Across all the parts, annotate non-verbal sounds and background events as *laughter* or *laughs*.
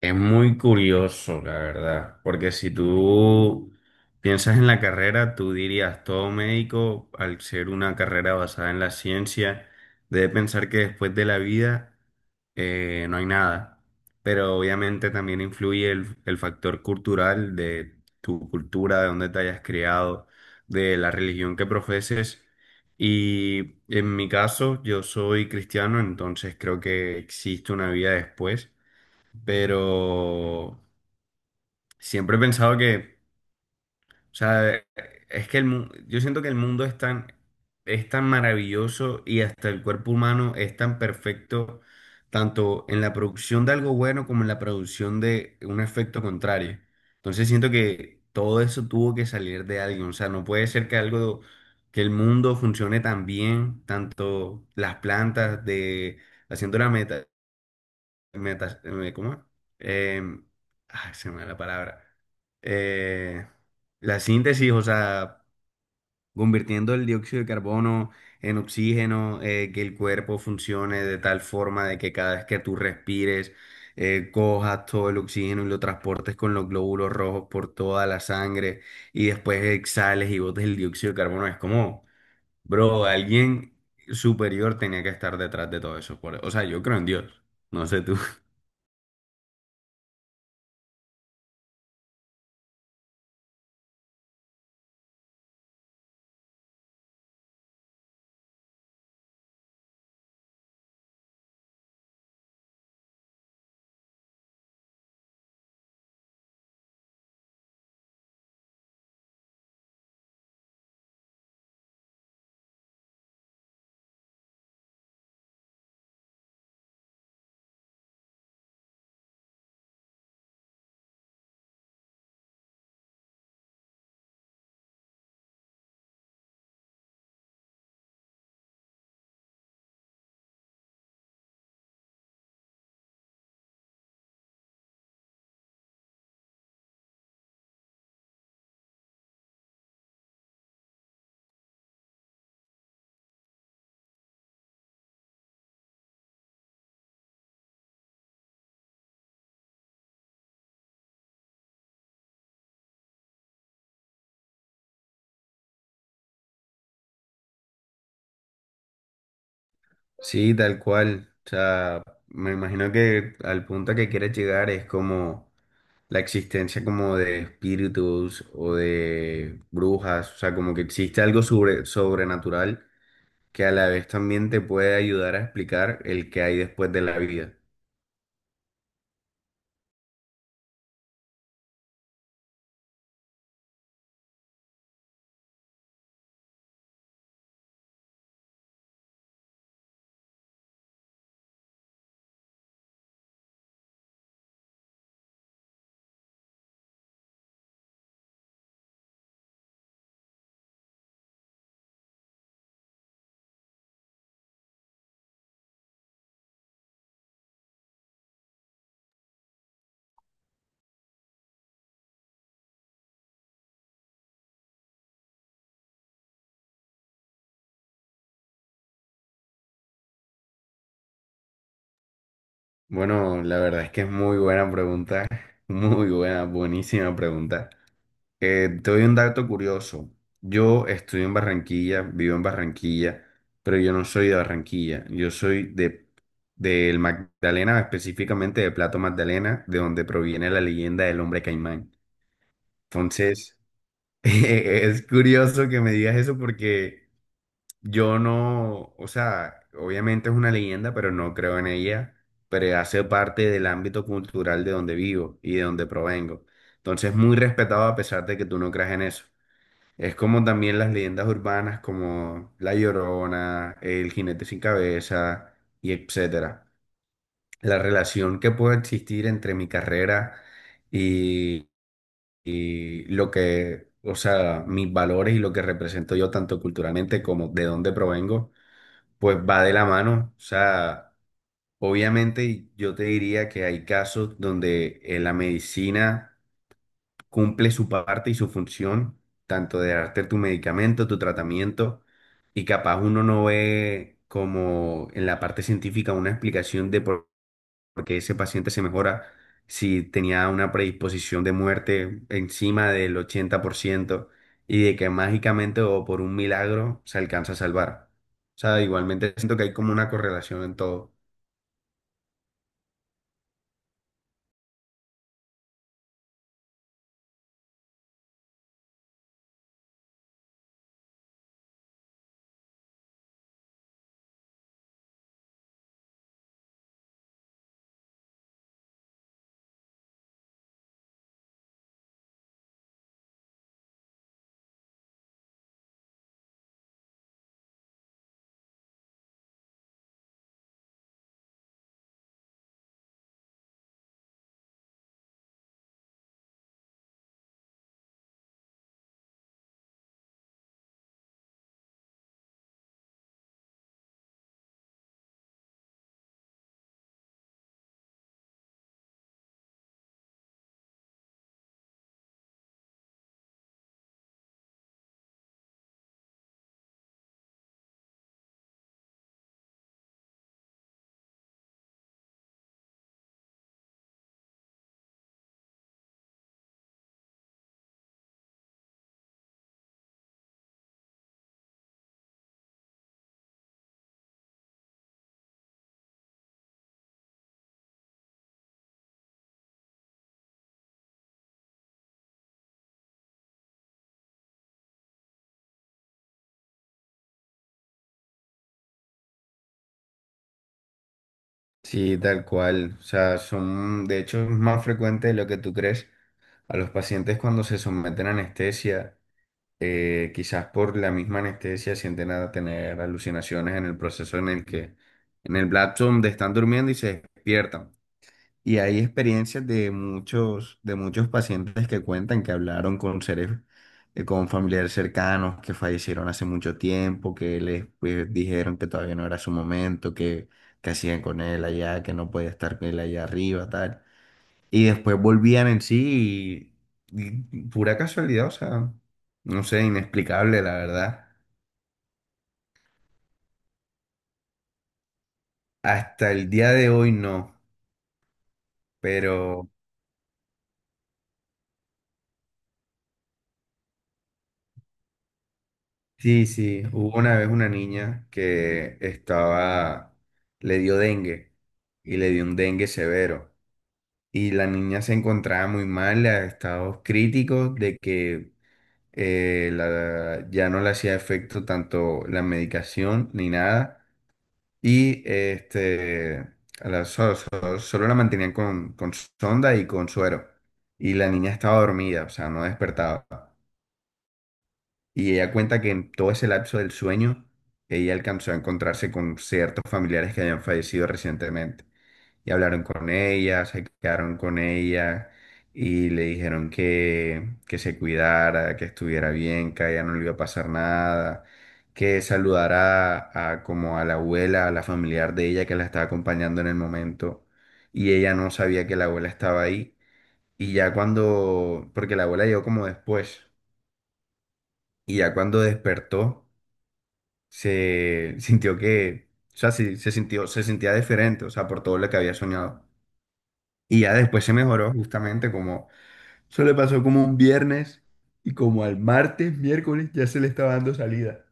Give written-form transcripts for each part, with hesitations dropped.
Es muy curioso, la verdad, porque si tú piensas en la carrera, tú dirías, todo médico, al ser una carrera basada en la ciencia, debe pensar que después de la vida no hay nada, pero obviamente también influye el factor cultural de tu cultura, de dónde te hayas criado, de la religión que profeses. Y en mi caso, yo soy cristiano, entonces creo que existe una vida después, pero siempre he pensado que, o sea, es que yo siento que el mundo es tan maravilloso y hasta el cuerpo humano es tan perfecto, tanto en la producción de algo bueno como en la producción de un efecto contrario. Entonces siento que todo eso tuvo que salir de alguien, o sea, no puede ser que algo, que el mundo funcione tan bien, tanto las plantas de... Haciendo la meta, ¿cómo es? Em, Ay, se me va la palabra. Eh, la síntesis, o sea, convirtiendo el dióxido de carbono en oxígeno, que el cuerpo funcione de tal forma de que cada vez que tú respires, cojas todo el oxígeno y lo transportes con los glóbulos rojos por toda la sangre y después exhales y botes el dióxido de carbono. Es como, bro, alguien superior tenía que estar detrás de todo eso. O sea, yo creo en Dios. No sé tú. Sí, tal cual. O sea, me imagino que al punto que quieres llegar es como la existencia como de espíritus o de brujas. O sea, como que existe algo sobrenatural que a la vez también te puede ayudar a explicar el que hay después de la vida. Bueno, la verdad es que es muy buena pregunta. *laughs* Muy buena, buenísima pregunta. Te doy un dato curioso. Yo estudio en Barranquilla, vivo en Barranquilla, pero yo no soy de Barranquilla. Yo soy de del Magdalena, específicamente de Plato Magdalena, de donde proviene la leyenda del hombre caimán. Entonces, *laughs* es curioso que me digas eso porque yo no, o sea, obviamente es una leyenda, pero no creo en ella, pero hace parte del ámbito cultural de donde vivo y de donde provengo. Entonces, muy respetado a pesar de que tú no creas en eso. Es como también las leyendas urbanas como La Llorona, El Jinete Sin Cabeza y etcétera. La relación que puede existir entre mi carrera y, y lo que, o sea, mis valores y lo que represento yo tanto culturalmente como de dónde provengo, pues va de la mano. O sea, obviamente yo te diría que hay casos donde la medicina cumple su parte y su función, tanto de darte tu medicamento, tu tratamiento, y capaz uno no ve como en la parte científica una explicación de por qué ese paciente se mejora si tenía una predisposición de muerte encima del 80% y de que mágicamente o por un milagro se alcanza a salvar. O sea, igualmente siento que hay como una correlación en todo. Sí, tal cual. O sea, son, de hecho, es más frecuente de lo que tú crees. A los pacientes cuando se someten a anestesia, quizás por la misma anestesia sienten a tener alucinaciones en el proceso en el que, en el lapso donde están durmiendo y se despiertan. Y hay experiencias de muchos pacientes que cuentan que hablaron con seres, con familiares cercanos que fallecieron hace mucho tiempo, que les pues, dijeron que todavía no era su momento, que hacían con él allá, que no podía estar con él allá arriba, tal. Y después volvían en sí y pura casualidad, o sea, no sé, inexplicable, la verdad. Hasta el día de hoy no, pero... Sí, sí, hubo una vez una niña que estaba, le dio dengue y le dio un dengue severo. Y la niña se encontraba muy mal, a estados críticos de que ya no le hacía efecto tanto la medicación ni nada. Y este, a la- so- so- solo la mantenían con sonda y con suero. Y la niña estaba dormida, o sea, no despertaba. Y ella cuenta que en todo ese lapso del sueño, ella alcanzó a encontrarse con ciertos familiares que habían fallecido recientemente. Y hablaron con ella, se quedaron con ella y le dijeron que se cuidara, que estuviera bien, que a ella no le iba a pasar nada, que saludara a como a la abuela, a la familiar de ella que la estaba acompañando en el momento. Y ella no sabía que la abuela estaba ahí. Y ya cuando, porque la abuela llegó como después, y ya cuando despertó, se sintió que, o sea, sí, se sintió, se sentía diferente, o sea, por todo lo que había soñado. Y ya después se mejoró justamente como, eso le pasó como un viernes y como al martes, miércoles, ya se le estaba dando salida.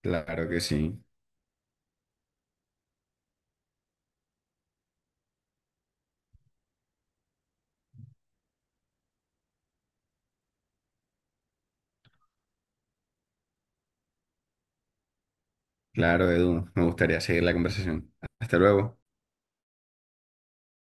Claro que sí, claro, Edu, me gustaría seguir la conversación. Hasta luego.